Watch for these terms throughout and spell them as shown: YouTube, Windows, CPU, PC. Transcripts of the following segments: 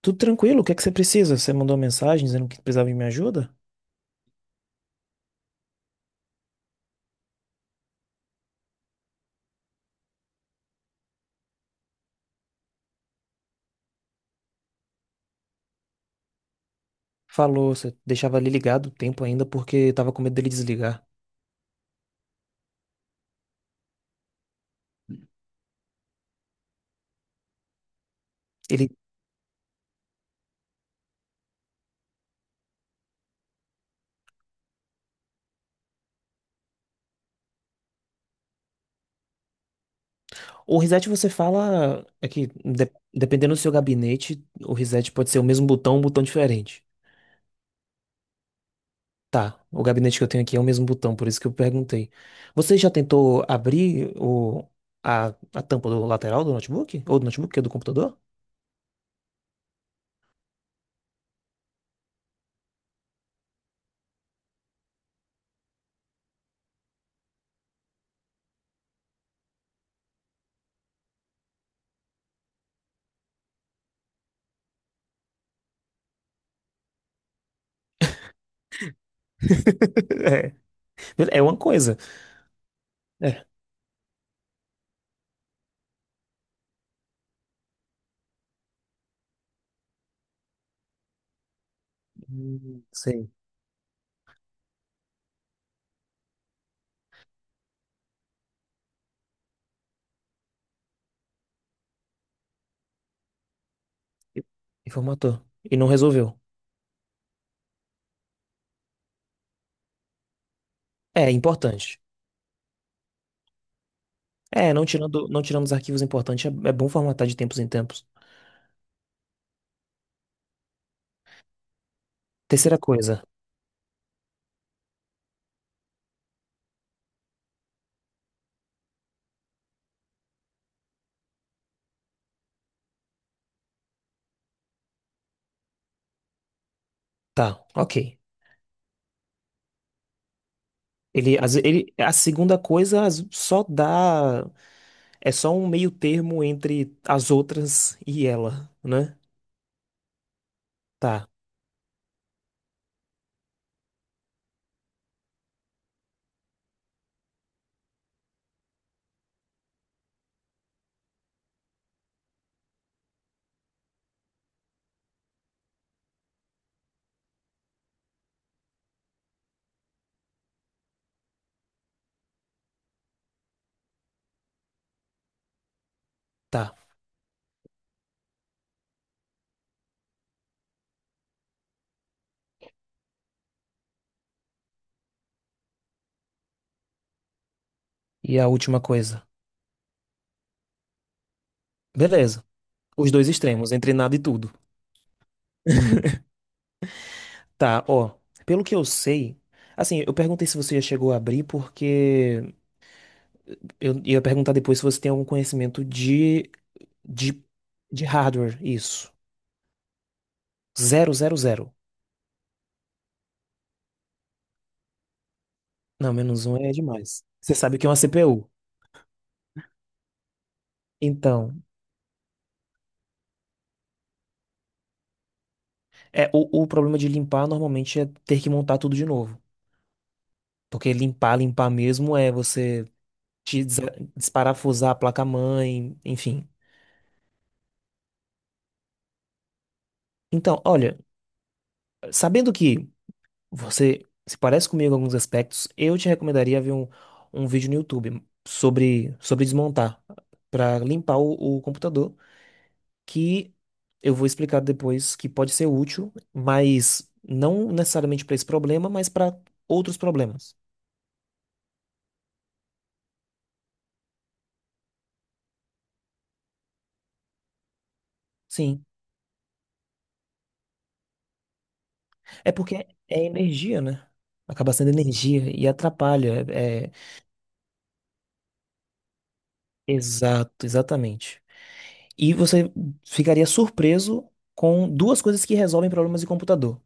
Tudo tranquilo, o que é que você precisa? Você mandou mensagem dizendo que precisava de minha ajuda? Falou, você deixava ele ligado o tempo ainda porque tava com medo dele desligar. Ele, o reset você fala é que dependendo do seu gabinete, o reset pode ser o mesmo botão, um botão diferente. Tá, o gabinete que eu tenho aqui é o mesmo botão, por isso que eu perguntei. Você já tentou abrir a, a tampa do lateral do notebook? Ou do notebook, que é do computador? É. É uma coisa. É. Sei. E e formatou. E não resolveu. É importante. É, não tirando, não tirando os arquivos importantes, é, é bom formatar de tempos em tempos. Terceira coisa, tá, ok. A segunda coisa só dá, é só um meio termo entre as outras e ela, né? Tá, tá. E a última coisa, beleza. Os dois extremos, entre nada e tudo. Tá, ó. Pelo que eu sei, assim, eu perguntei se você já chegou a abrir porque eu ia perguntar depois se você tem algum conhecimento de, de hardware, isso. Zero, zero, zero. Não, menos um é demais. Você sabe o que é uma CPU. Então, é o problema de limpar normalmente é ter que montar tudo de novo. Porque limpar, limpar mesmo é você desparafusar a placa-mãe, enfim. Então, olha, sabendo que você se parece comigo em alguns aspectos, eu te recomendaria ver um vídeo no YouTube sobre, sobre desmontar, para limpar o computador que eu vou explicar depois que pode ser útil, mas não necessariamente para esse problema, mas para outros problemas. Sim, é porque é energia, né? Acaba sendo energia e atrapalha. É, exato, exatamente. E você ficaria surpreso com duas coisas que resolvem problemas de computador: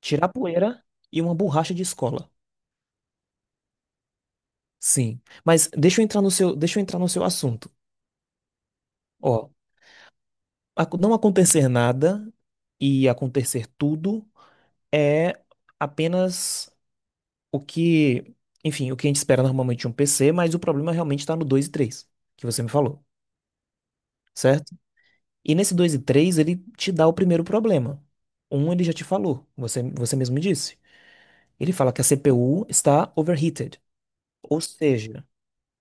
tirar poeira e uma borracha de escola. Sim, mas deixa eu entrar no seu, deixa eu entrar no seu assunto. Ó, não acontecer nada e acontecer tudo é apenas o que, enfim, o que a gente espera normalmente de um PC, mas o problema realmente está no 2 e 3 que você me falou, certo? E nesse 2 e 3 ele te dá o primeiro problema. Um, ele já te falou, você, você mesmo me disse. Ele fala que a CPU está overheated, ou seja,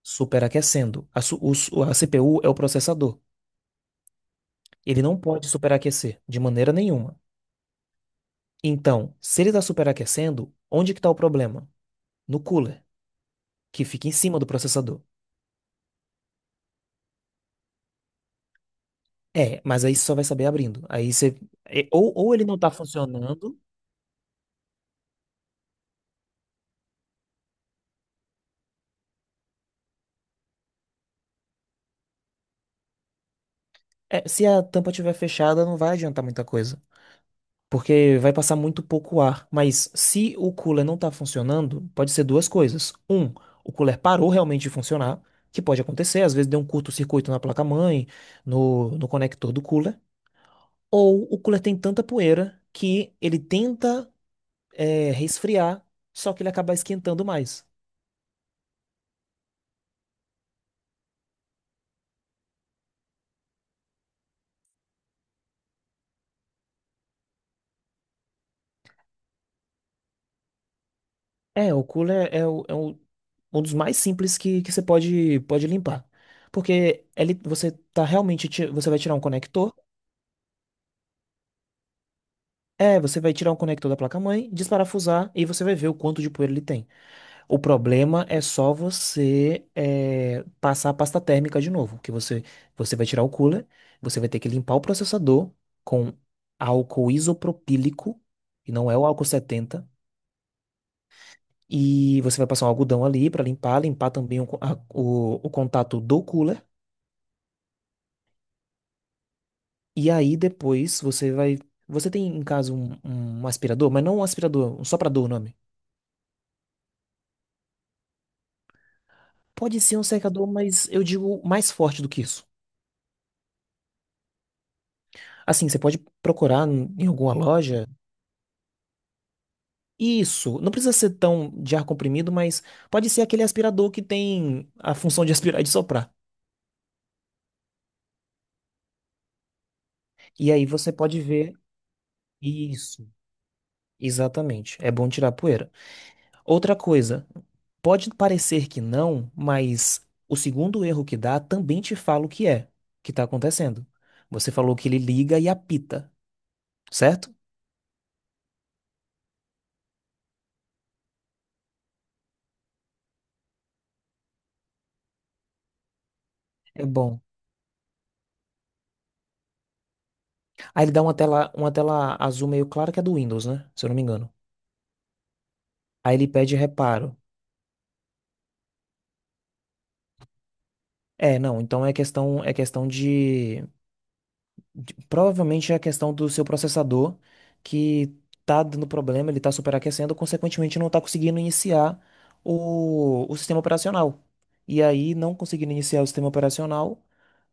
superaquecendo. A CPU é o processador. Ele não pode superaquecer de maneira nenhuma. Então, se ele está superaquecendo, onde que está o problema? No cooler, que fica em cima do processador. É, mas aí você só vai saber abrindo. Aí você. Ou ele não está funcionando. É, se a tampa estiver fechada, não vai adiantar muita coisa. Porque vai passar muito pouco ar. Mas se o cooler não está funcionando, pode ser duas coisas. Um, o cooler parou realmente de funcionar, que pode acontecer, às vezes deu um curto-circuito na placa-mãe, no conector do cooler. Ou o cooler tem tanta poeira que ele tenta resfriar, só que ele acaba esquentando mais. É, o cooler é um dos mais simples que você pode, pode limpar. Porque ele, você tá realmente, você vai tirar um conector, você vai tirar um conector da placa-mãe, desparafusar e você vai ver o quanto de poeira ele tem. O problema é só você passar a pasta térmica de novo, que você, você vai tirar o cooler, você vai ter que limpar o processador com álcool isopropílico, e não é o álcool 70. E você vai passar um algodão ali para limpar, limpar também o, co- a- o contato do cooler. E aí depois você vai. Você tem em casa um aspirador, mas não um aspirador, um soprador o nome. Pode ser um secador, mas eu digo mais forte do que isso. Assim, você pode procurar em em alguma loja. Isso, não precisa ser tão de ar comprimido, mas pode ser aquele aspirador que tem a função de aspirar e de soprar. E aí você pode ver isso. Exatamente. É bom tirar a poeira. Outra coisa, pode parecer que não, mas o segundo erro que dá também te fala o que é que está acontecendo. Você falou que ele liga e apita, certo? É bom. Aí ele dá uma tela azul meio clara que é do Windows, né? Se eu não me engano. Aí ele pede reparo. É, não, então é questão de Provavelmente é a questão do seu processador que tá dando problema, ele tá superaquecendo, consequentemente não tá conseguindo iniciar o sistema operacional. E aí, não conseguindo iniciar o sistema operacional,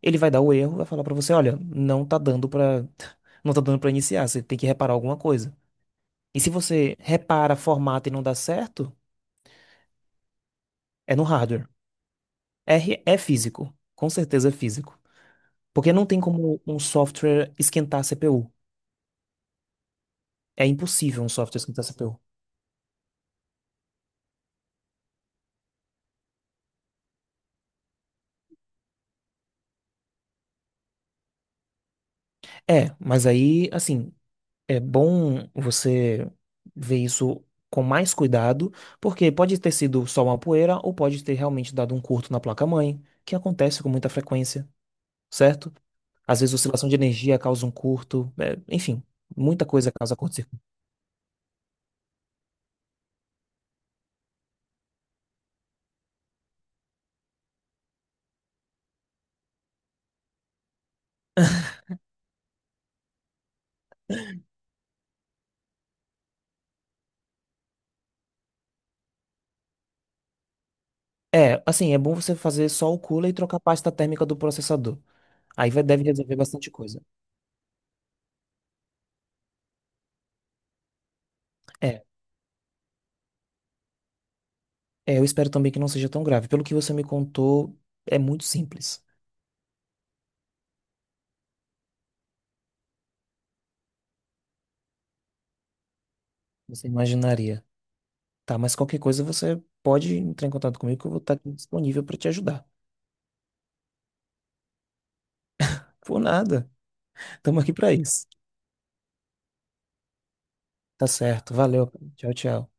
ele vai dar o erro, vai falar para você, olha, não tá dando para não tá dando para iniciar, você tem que reparar alguma coisa. E se você repara, formata e não dá certo, é no hardware. R é físico, com certeza é físico. Porque não tem como um software esquentar a CPU. É impossível um software esquentar a CPU. É, mas aí, assim, é bom você ver isso com mais cuidado, porque pode ter sido só uma poeira ou pode ter realmente dado um curto na placa-mãe, que acontece com muita frequência, certo? Às vezes, oscilação de energia causa um curto, é, enfim, muita coisa causa curto-circuito. É, assim, é bom você fazer só o cooler e trocar a pasta térmica do processador. Aí vai, deve resolver bastante coisa. É, é, eu espero também que não seja tão grave. Pelo que você me contou, é muito simples. Você imaginaria. Tá, mas qualquer coisa você pode entrar em contato comigo que eu vou estar aqui disponível para te ajudar. Por nada. Estamos aqui para isso. Tá certo. Valeu. Tchau, tchau.